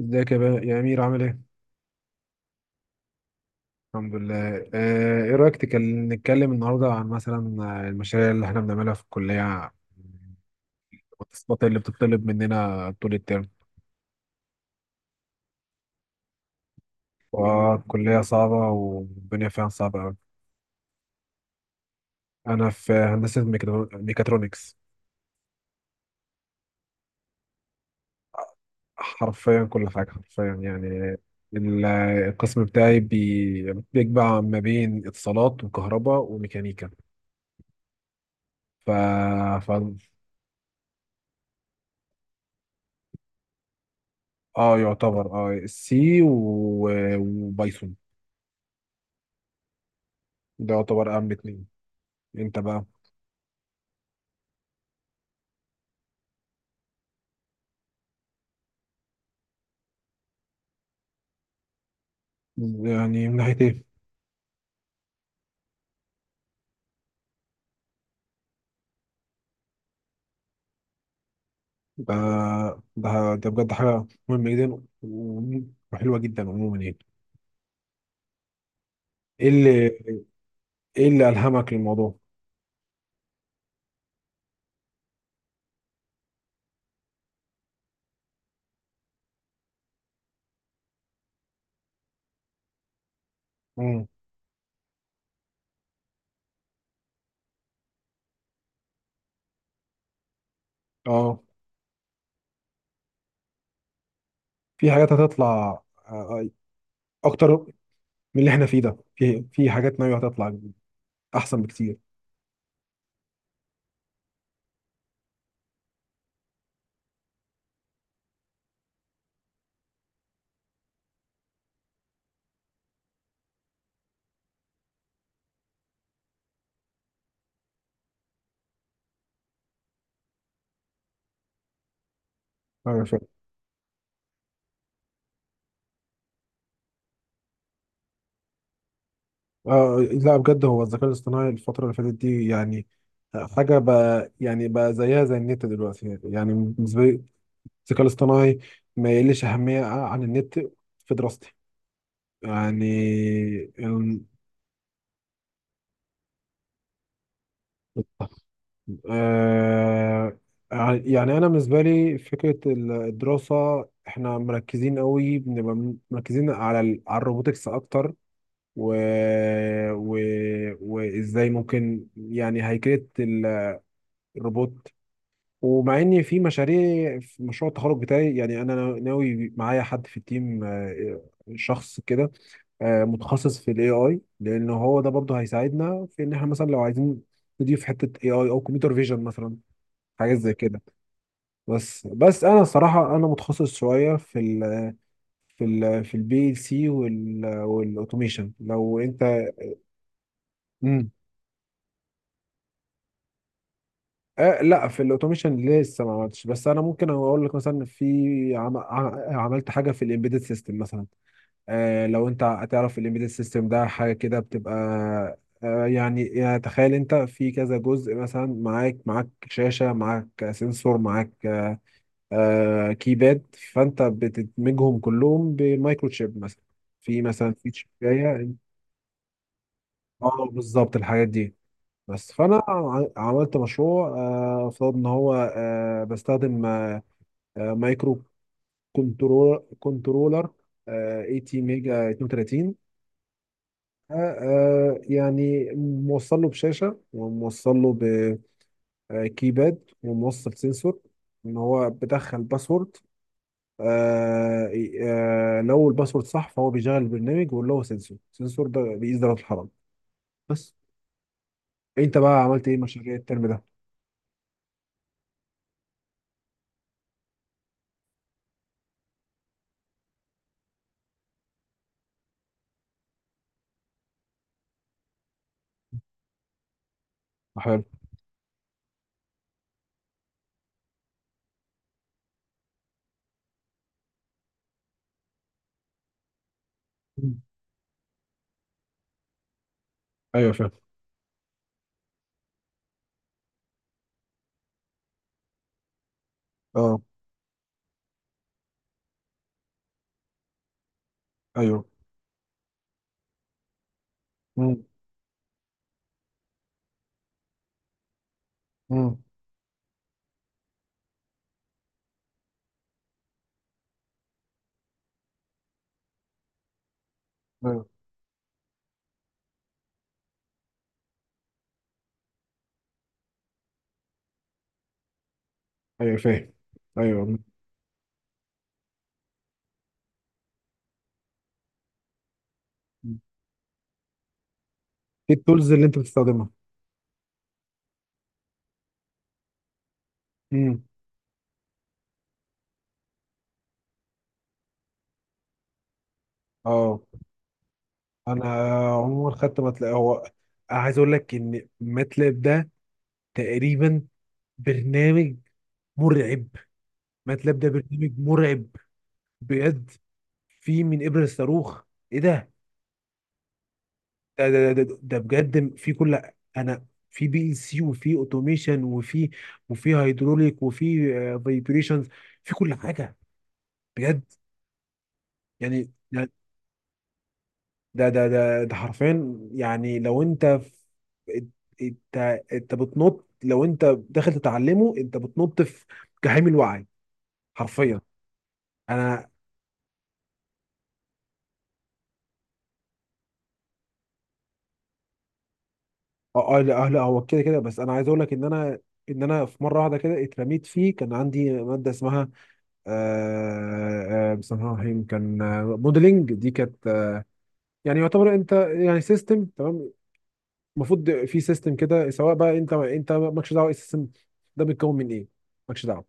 ازيك يا بقى يا امير، عامل ايه؟ الحمد لله. ايه رايك نتكلم النهارده عن مثلا المشاريع اللي احنا بنعملها في الكليه، والتاسكات اللي بتطلب مننا طول الترم. والكليه صعبه والدنيا فيها صعبه قوي. انا في هندسه ميكاترونكس. حرفيا كل حاجه حرفيا يعني. ال- القسم بتاعي بيجمع ما بين اتصالات وكهرباء وميكانيكا. ف... ف... اه يعتبر اه سي وبايثون. ده يعتبر أهم اتنين. أنت بقى؟ يعني من ناحية إيه؟ ده ده ده بجد حاجة مهمة جدا وحلوة جدا عموما يعني. إيه اللي إيه اللي ألهمك للموضوع؟ مم. أه، في حاجات هتطلع آه، أكتر من اللي إحنا فيه ده. في حاجات ناوية هتطلع أحسن بكتير. أيوة فعلا. آه لا، بجد هو الذكاء الاصطناعي الفترة اللي فاتت دي يعني حاجة بقى، يعني بقى زيها زي النت دلوقتي، يعني بالنسبة لي الذكاء الاصطناعي ما يقلش أهمية عن النت في دراستي. يعني ال- آه يعني أنا بالنسبة لي فكرة الدراسة، إحنا مركزين قوي، بنبقى مركزين على على الروبوتكس أكتر. و... و... وإزاي ممكن يعني هيكلة الروبوت. ومع ان في مشاريع، في مشروع التخرج بتاعي، يعني انا ناوي معايا حد في التيم، شخص كده، متخصص في الاي اي، لان هو ده برضه هيساعدنا في ان احنا مثلا لو عايزين نضيف حته اي اي او كمبيوتر فيجن مثلا، حاجات زي كده. بس انا الصراحه انا متخصص شويه في ال في ال في البي ال سي والاوتوميشن لو انت. مم. آه لا، في الاوتوميشن لسه ما عملتش، بس انا ممكن اقول لك مثلا عملت حاجه في الامبيدد سيستم مثلا. لو انت هتعرف، الامبيدد سيستم ده حاجه كده بتبقى يعني تخيل انت في كذا جزء مثلا، معاك شاشه، معاك سنسور، معاك آه، آه، كيباد، فانت بتدمجهم كلهم بمايكرو تشيب مثلا، في مثلا في تشيبايه. اه بالظبط، الحاجات دي. بس فانا عملت مشروع، افترض ان هو بستخدم مايكرو كنترولر 80 ميجا 32، يعني موصل له بشاشة، وموصل له بكيباد، وموصل سنسور، ان هو بدخل باسورد. آه، لو الباسورد صح فهو بيشغل البرنامج، ولو هو السنسور ده بيقيس درجة الحرارة بس. انت بقى عملت ايه مشاريع الترم ده؟ حلو. مم. ايوه فاهم. اه. ايوه. مم. مم. ايوه، ايوه، فاهم. ايوه. مم. ايه التولز اللي انت بتستخدمها؟ مم. اه انا عموما خدت ماتلاب، هو عايز اقول لك ان ماتلاب ده تقريبا برنامج مرعب. ماتلاب ده برنامج مرعب بجد، في من ابر الصاروخ. ايه ده؟ ده بجد، في كل، انا في بي ال سي، وفي اوتوميشن، وفي هيدروليك، وفي فايبريشنز، في كل حاجه بجد. يعني يعني ده حرفيا، يعني لو انت في انت انت بتنط، لو انت داخل تتعلمه انت بتنط في جحيم الوعي حرفيا. انا اه لا، لا، هو كده كده، بس انا عايز اقول لك ان انا في مره واحده كده اترميت فيه. كان عندي ماده اسمها بسم الله الرحمن الرحيم، كان موديلنج، دي كانت يعني يعتبر، انت يعني سيستم، تمام؟ المفروض في سيستم كده، سواء بقى انت مالكش دعوه السيستم ده بيتكون من ايه، مالكش دعوه.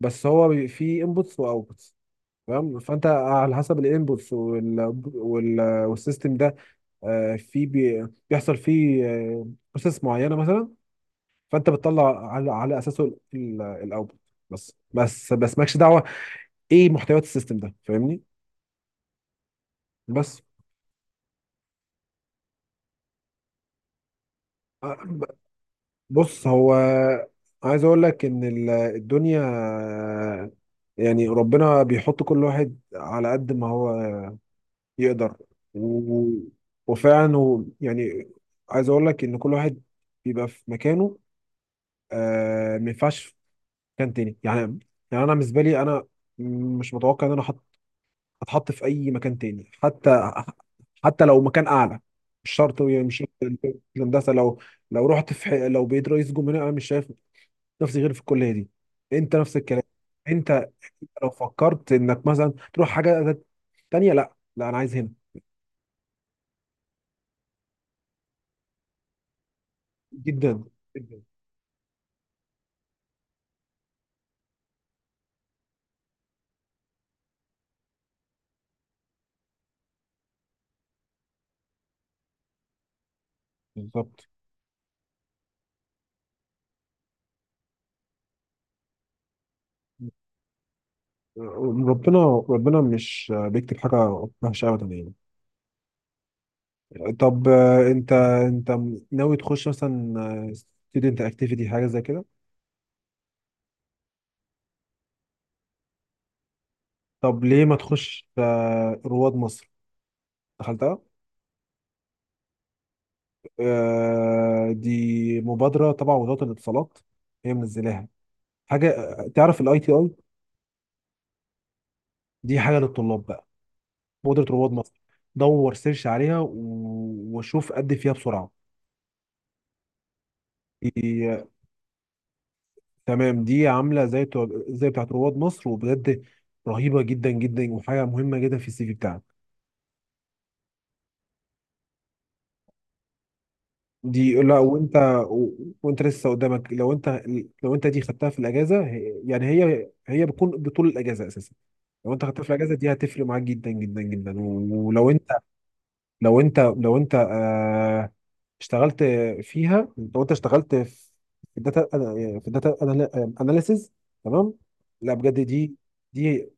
بس هو في انبوتس واوتبوتس، تمام؟ فانت على حسب الانبوتس وال... والسيستم ده بيحصل فيه بروسيس معينه مثلا، فانت بتطلع على اساسه الاوتبوت. بس مالكش دعوه ايه محتويات السيستم ده، فاهمني. بس آه، ب- بص، هو عايز اقول لك ان الدنيا يعني ربنا بيحط كل واحد على قد ما هو يقدر. و... وفعلا يعني عايز اقول لك ان كل واحد بيبقى في مكانه، آه، ما ينفعش في مكان تاني يعني. يعني انا بالنسبه لي، انا مش متوقع ان انا هتحط في اي مكان تاني، حتى لو مكان اعلى. مش شرط يعني، مش شرط. الهندسه، لو رحت لو بقيت رئيس جمهوريه، انا مش شايف نفسي غير في الكليه دي. انت نفس الكلام، انت لو فكرت انك مثلا تروح حاجه تانيه، لا لا، انا عايز هنا جدا جدا. بالظبط، ربنا ربنا مش بيكتب حاجة وحشة أبدا يعني. طب أنت ناوي تخش مثلا ستودنت أكتيفيتي حاجة زي كده؟ طب ليه ما تخش رواد مصر؟ دخلتها؟ دي مبادرة تبع وزارة الاتصالات، هي منزلاها، حاجة تعرف الأي تي أي؟ دي حاجة للطلاب بقى، مبادرة رواد مصر. دور سيرش عليها وشوف قد إيه فيها، بسرعة. تمام، دي عامله زي بتاعت رواد مصر. وبجد رهيبه جدا جدا، وحاجه مهمه جدا في السي في بتاعك دي. لا وانت، و- وانت لسه قدامك، لو انت دي خدتها في الاجازه، يعني هي بتكون بطول الاجازه اساسا. لو انت خدتها في الاجازه دي هتفرق معاك جدا جدا جدا. ولو انت، لو انت اشتغلت فيها، لو انت اشتغلت الداتا في الداتا اناليسيز، تمام؟ لا بجد دي، دي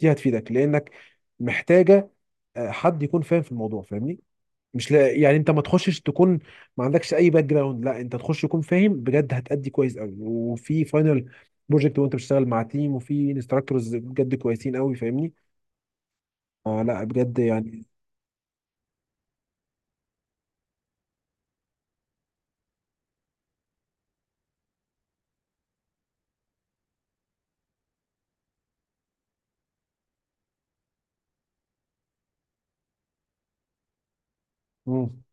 دي هتفيدك لانك محتاجه حد يكون فاهم في الموضوع، فاهمني؟ مش لا يعني، انت ما تخشش تكون ما عندكش اي باك جراوند، لا انت تخش تكون فاهم بجد، هتأدي كويس قوي، وفي فاينل بروجكت وانت بتشتغل مع تيم، وفي انستراكتورز بجد كويسين قوي، فاهمني؟ آه لا بجد يعني. امم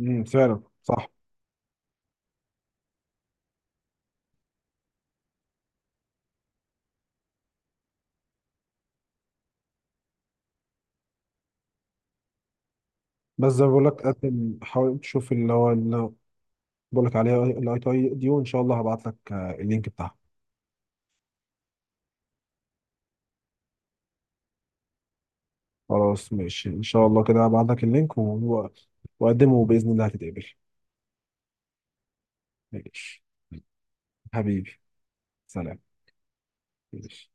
فعلا صح. بس زي ما بقول لك، قدم، حاول تشوف اللي هو اللي بقول لك عليها، الاي تي اي دي، وان شاء الله هبعت لك اللينك بتاعها. خلاص ماشي، ان شاء الله كده هبعت لك اللينك، وقدمه بإذن الله هتتقبل. ماشي. حبيبي. سلام. ماشي.